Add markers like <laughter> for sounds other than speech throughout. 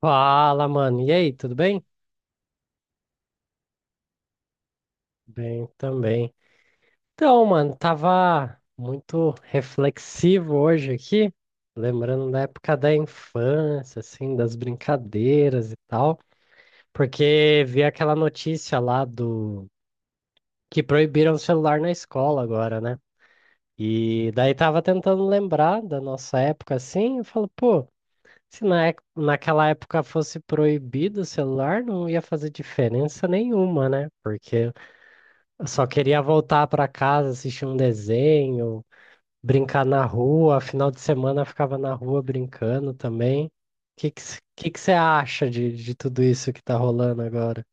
Fala, mano. E aí, tudo bem? Bem também. Então, mano, tava muito reflexivo hoje aqui, lembrando da época da infância, assim, das brincadeiras e tal, porque vi aquela notícia lá do que proibiram o celular na escola agora, né? E daí tava tentando lembrar da nossa época assim, eu falo, pô, se na, ec- naquela época fosse proibido o celular, não ia fazer diferença nenhuma, né? Porque eu só queria voltar para casa, assistir um desenho, brincar na rua. Final de semana eu ficava na rua brincando também. O que que c- que você acha de tudo isso que tá rolando agora?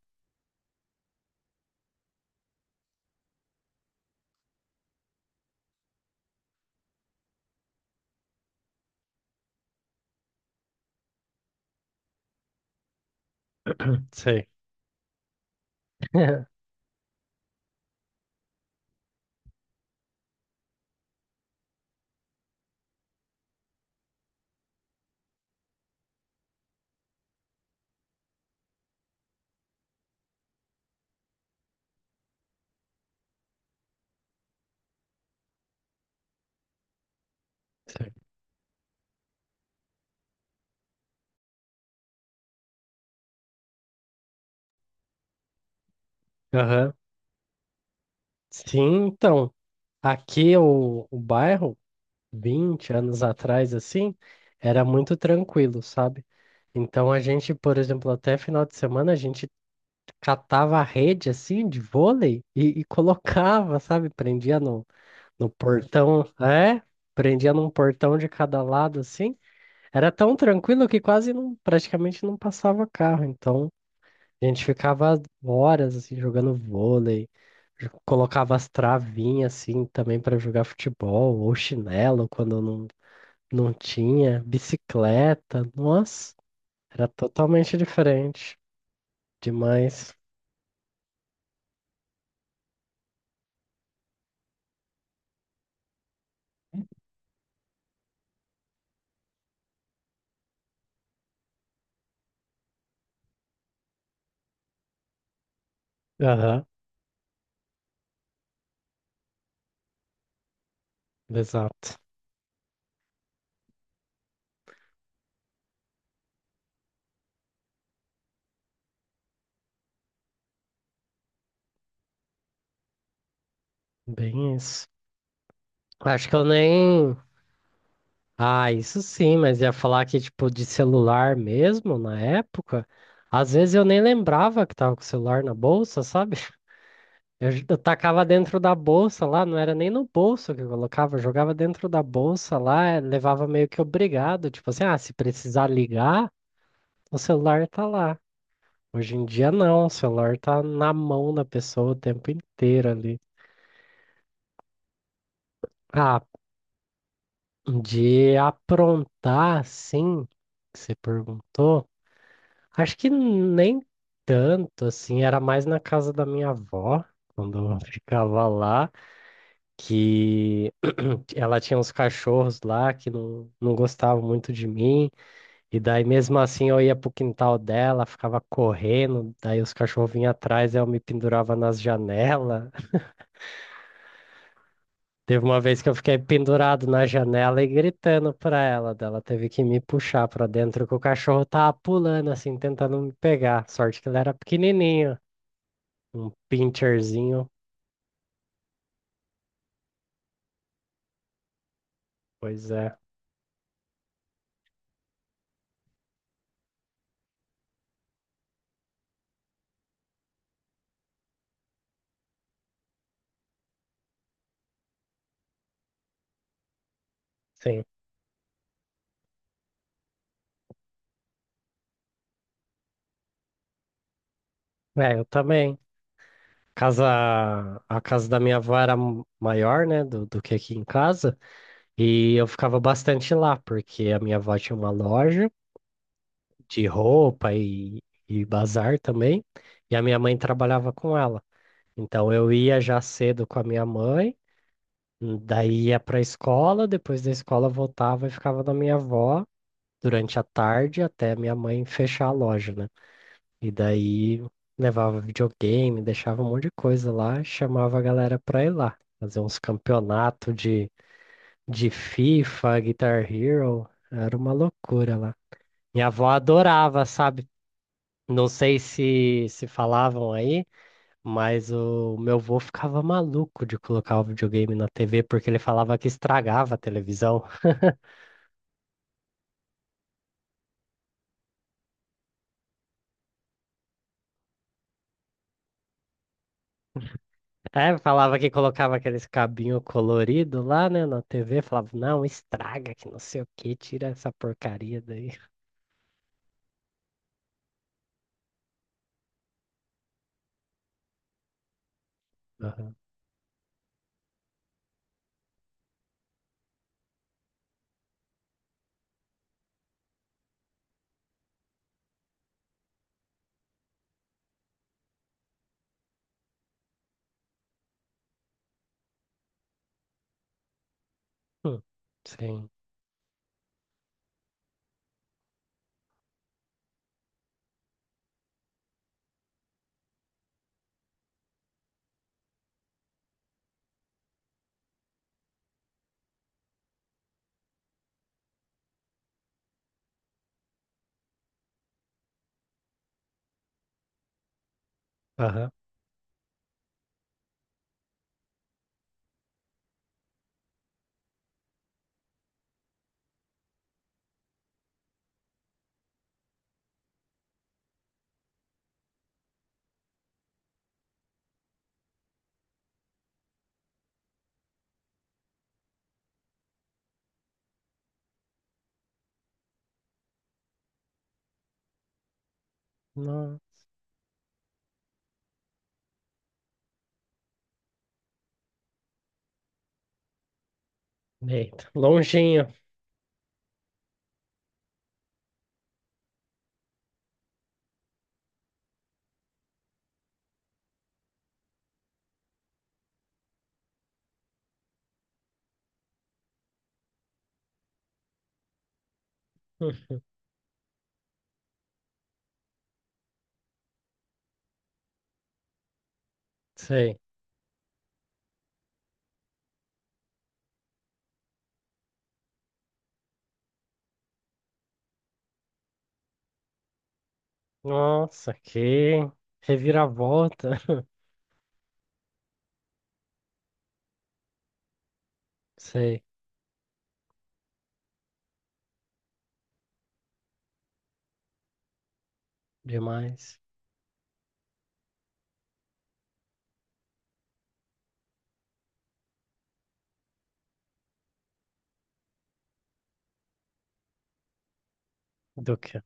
Sei, <laughs> sei. Aham. Sim, então, aqui o bairro, 20 anos atrás, assim, era muito tranquilo, sabe? Então a gente, por exemplo, até final de semana, a gente catava a rede, assim, de vôlei e colocava, sabe? Prendia no, no portão, é, prendia num portão de cada lado assim. Era tão tranquilo que quase não, praticamente não passava carro. Então, a gente ficava horas assim jogando vôlei, colocava as travinhas assim também para jogar futebol, ou chinelo quando não, não tinha, bicicleta. Nossa, era totalmente diferente. Demais. Aham, exato. Bem isso. Acho que eu nem. Ah, isso sim, mas ia falar que, tipo, de celular mesmo, na época, às vezes eu nem lembrava que tava com o celular na bolsa, sabe? <laughs> Eu tacava dentro da bolsa lá, não era nem no bolso que eu colocava, eu jogava dentro da bolsa lá, levava meio que obrigado, tipo assim, ah, se precisar ligar, o celular tá lá. Hoje em dia não, o celular tá na mão da pessoa o tempo inteiro ali. Ah, de aprontar, sim, que você perguntou. Acho que nem tanto, assim, era mais na casa da minha avó, quando eu <laughs> ficava lá, que ela tinha uns cachorros lá que não gostavam muito de mim, e daí mesmo assim eu ia pro quintal dela, ficava correndo, daí os cachorros vinham atrás, eu me pendurava nas janelas. <laughs> Teve uma vez que eu fiquei pendurado na janela e gritando pra ela, dela teve que me puxar pra dentro, que o cachorro tava pulando, assim, tentando me pegar. Sorte que ele era pequenininho. Um pincherzinho. Pois é, sim. É, eu também. Casa, a casa da minha avó era maior, né, do que aqui em casa, e eu ficava bastante lá, porque a minha avó tinha uma loja de roupa e bazar também, e a minha mãe trabalhava com ela. Então eu ia já cedo com a minha mãe, daí ia para a escola, depois da escola voltava e ficava na minha avó durante a tarde até minha mãe fechar a loja, né? E daí levava videogame, deixava um monte de coisa lá, chamava a galera pra ir lá, fazer uns campeonatos de FIFA, Guitar Hero, era uma loucura lá. Minha avó adorava, sabe? Não sei se falavam aí, mas o meu avô ficava maluco de colocar o videogame na TV porque ele falava que estragava a televisão. <laughs> É, falava que colocava aqueles cabinho colorido lá, né, na TV, falava, não, estraga, que não sei o que, tira essa porcaria daí. Aham. Hum. Sim. Aham. Não. Eita, longinho. <laughs> Uhum. Sei. Nossa, que reviravolta. <laughs> Sei. Demais. Do que?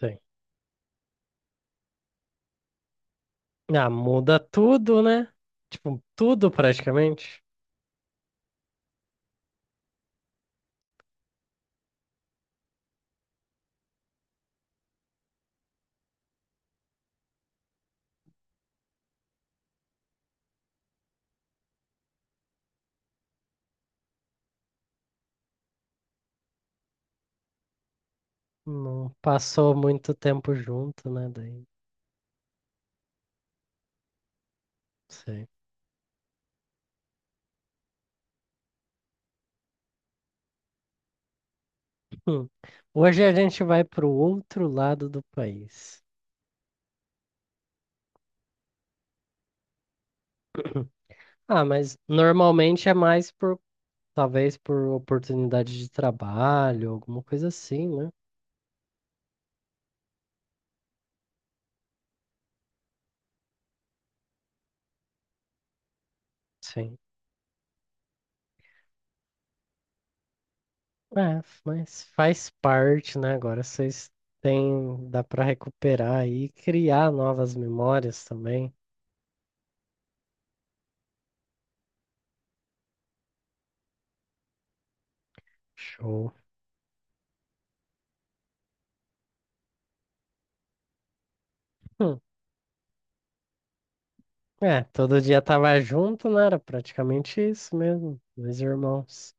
Sei. Ah, muda tudo, né? Tipo, tudo praticamente. Não passou muito tempo junto, né, daí. Sei. Hum. Hoje a gente vai para o outro lado do país. <clears throat> Ah, mas normalmente é mais por, talvez por oportunidade de trabalho, alguma coisa assim, né? Sim. É, mas faz parte, né? Agora vocês têm, dá para recuperar e criar novas memórias também. Show. Hum. É, todo dia tava junto, né? Era praticamente isso mesmo, dois irmãos.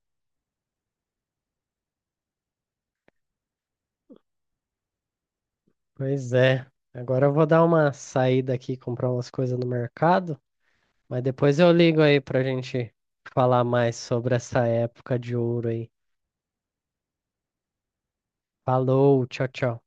Pois é. Agora eu vou dar uma saída aqui, comprar umas coisas no mercado, mas depois eu ligo aí pra gente falar mais sobre essa época de ouro aí. Falou, tchau, tchau.